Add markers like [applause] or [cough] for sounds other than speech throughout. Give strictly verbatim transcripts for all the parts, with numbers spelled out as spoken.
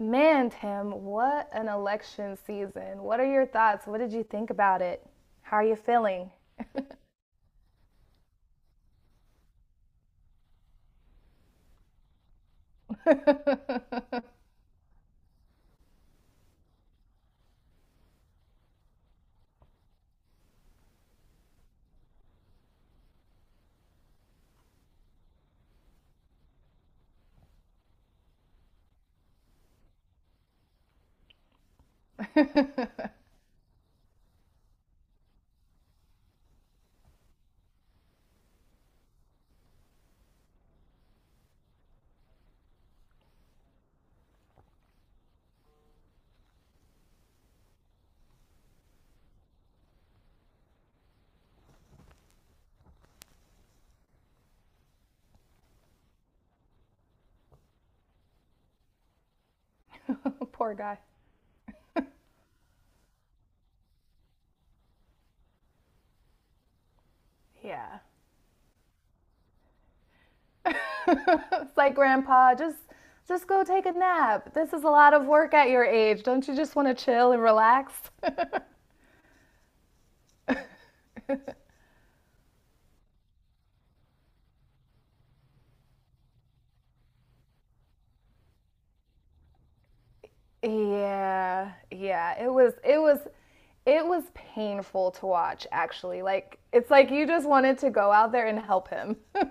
Man, Tim, what an election season. What are your thoughts? What did you think about it? How are you feeling? [laughs] Poor guy. Yeah. [laughs] It's like grandpa, just just go take a nap. This is a lot of work at your age. Don't you just want to chill and relax? [laughs] Yeah. Yeah. It was it was it was painful to watch actually. Like it's like you just wanted to go out there and help him. [laughs]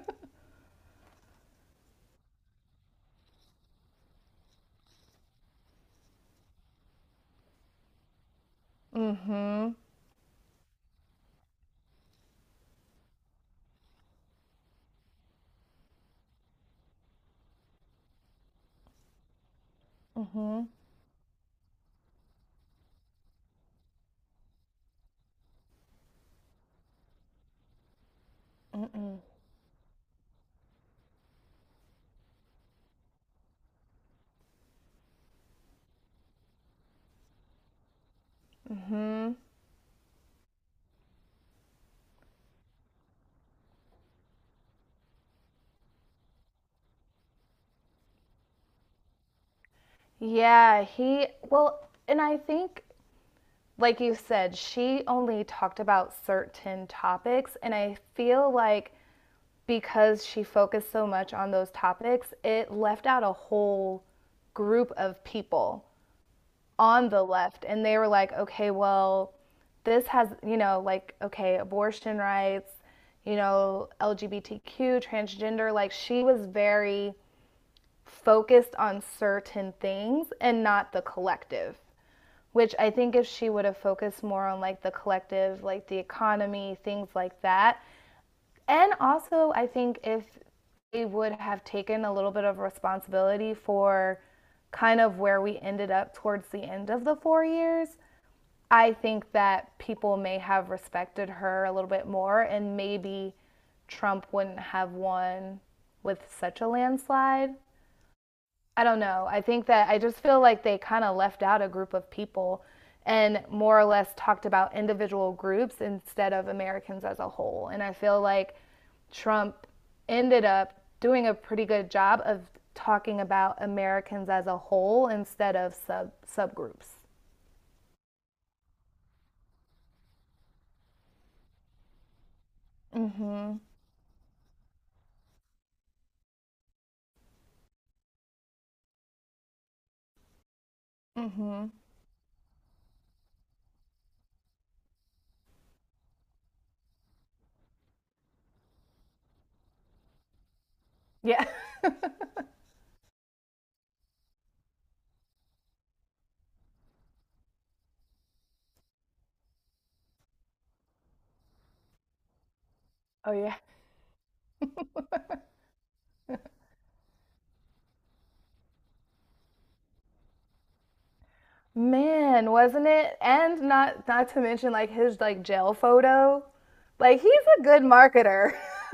Mm. Mhm. Yeah, he well, and I think like you said, she only talked about certain topics. And I feel like because she focused so much on those topics, it left out a whole group of people on the left. And they were like, okay, well, this has, you know, like, okay, abortion rights, you know, L G B T Q, transgender. Like, she was very focused on certain things and not the collective, which I think if she would have focused more on like the collective, like the economy, things like that. And also, I think if they would have taken a little bit of responsibility for kind of where we ended up towards the end of the four years, I think that people may have respected her a little bit more and maybe Trump wouldn't have won with such a landslide. I don't know. I think that I just feel like they kind of left out a group of people and more or less talked about individual groups instead of Americans as a whole. And I feel like Trump ended up doing a pretty good job of talking about Americans as a whole instead of sub subgroups. Mhm. Mhm. Yeah. [laughs] Oh yeah. Man, wasn't it? And not not to mention like his like jail photo. Like he's a good marketer. [laughs]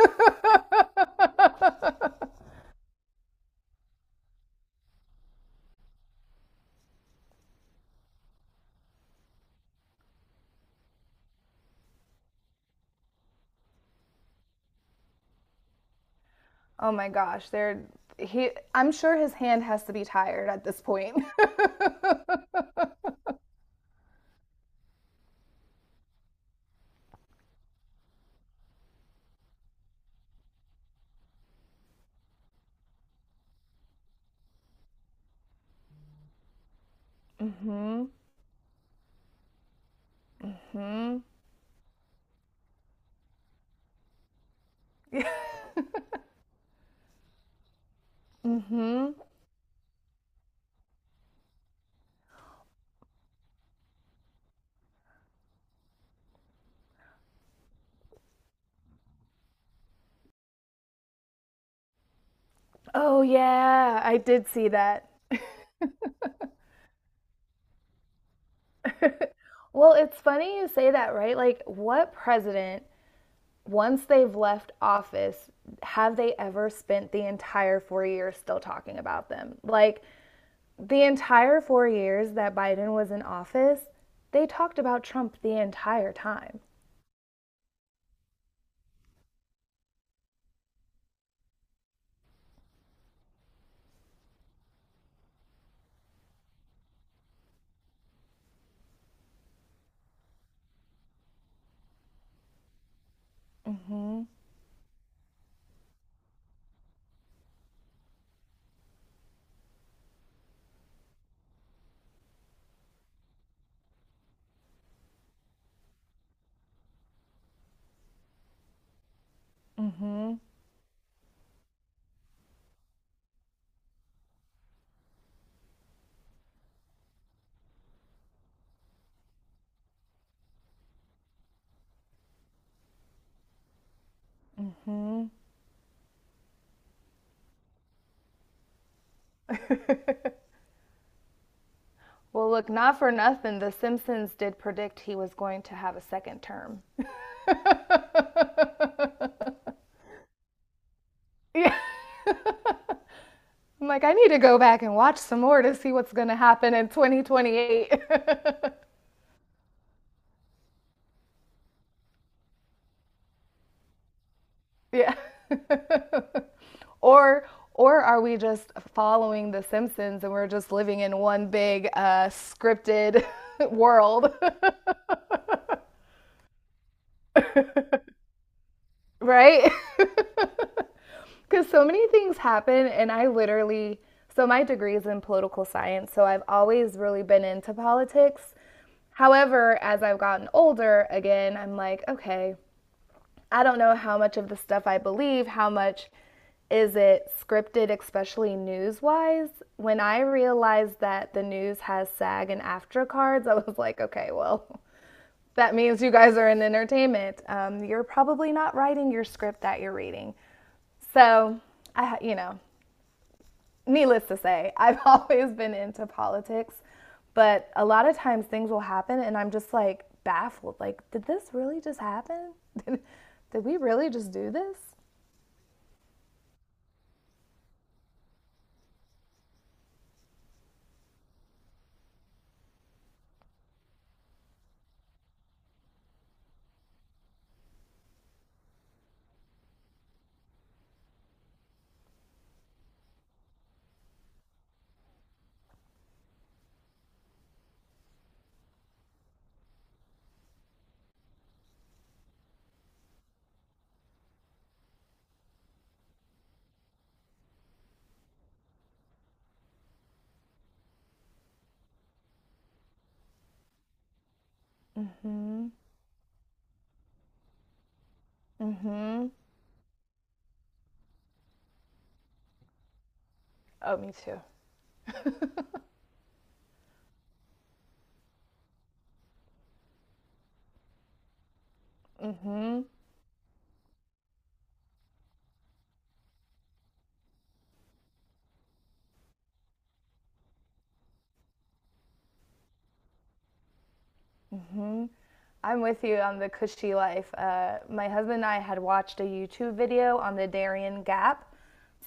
Oh my gosh, they're he I'm sure his hand has to be tired at this point. [laughs] Mhm. Oh yeah, I did see that. Well, it's funny you say that, right? Like what president once they've left office have they ever spent the entire four years still talking about them? Like the entire four years that Biden was in office, they talked about Trump the entire time. Mhm. Mhm. Well, look, not for nothing, The Simpsons did predict he was going to have a second term. [laughs] Yeah. I'm like, I need to go back and watch some more to see what's going to happen in twenty twenty-eight. [laughs] Yeah. [laughs] or or are we just following The Simpsons and we're just living in one big uh, scripted [laughs] world, [laughs] right? Because so many things happen, and I literally, so my degree is in political science, so I've always really been into politics. However, as I've gotten older, again, I'm like, okay, I don't know how much of the stuff I believe, how much is it scripted, especially news wise. When I realized that the news has SAG and AFTRA cards, [laughs] I was like, okay, well, that means you guys are in entertainment. Um, you're probably not writing your script that you're reading. So, I, you know, needless to say, [laughs] I've always been into politics, but a lot of times things will happen and I'm just like baffled. Like, did this really just happen? [laughs] Did we really just do this? Mm. Oh, me too. I'm with you on the cushy life. Uh, my husband and I had watched a YouTube video on the Darien Gap.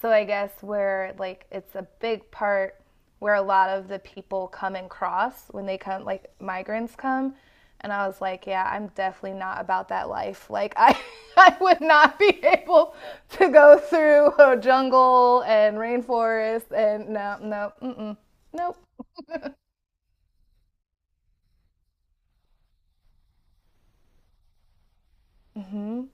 So I guess where like it's a big part where a lot of the people come and cross when they come, like migrants come. And I was like, yeah, I'm definitely not about that life. Like I, [laughs] I would not be able to go through a jungle and rainforest and no, no, mm-mm, nope. Mm.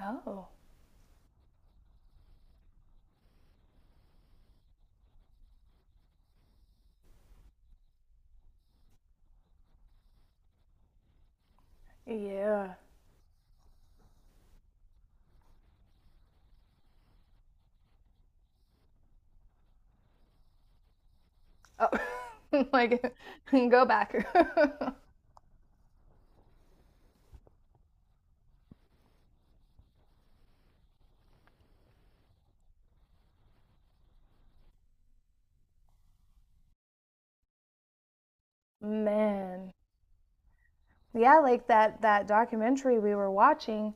Oh, yeah. Oh, [laughs] like go back. [laughs] Man. Yeah, like that that documentary we were watching,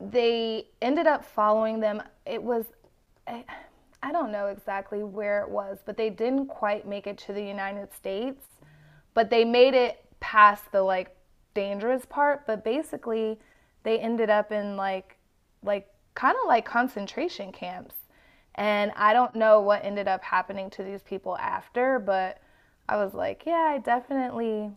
they ended up following them. It was I, I don't know exactly where it was, but they didn't quite make it to the United States, but they made it past the like dangerous part, but basically they ended up in like like kind of like concentration camps. And I don't know what ended up happening to these people after, but I was like, yeah, I definitely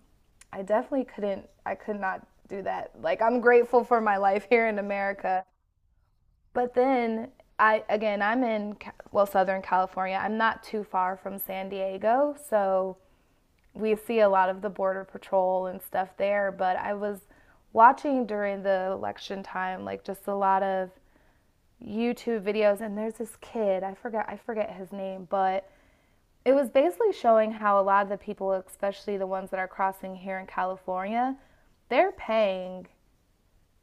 I definitely couldn't I could not do that. Like I'm grateful for my life here in America. But then I again, I'm in well, Southern California. I'm not too far from San Diego, so we see a lot of the border patrol and stuff there, but I was watching during the election time like just a lot of YouTube videos, and there's this kid. I forget. I forget his name, but it was basically showing how a lot of the people, especially the ones that are crossing here in California, they're paying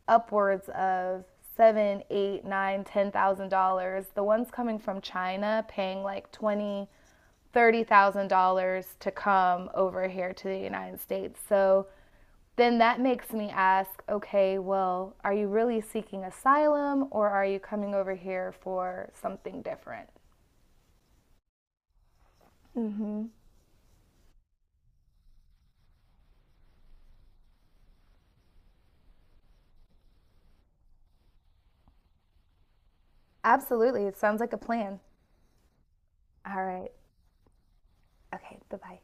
upwards of seven, eight, nine, ten thousand dollars. The ones coming from China paying like twenty, thirty thousand dollars to come over here to the United States. So then that makes me ask okay, well, are you really seeking asylum or are you coming over here for something different? Absolutely. It sounds like a plan. All right. Okay. Bye bye.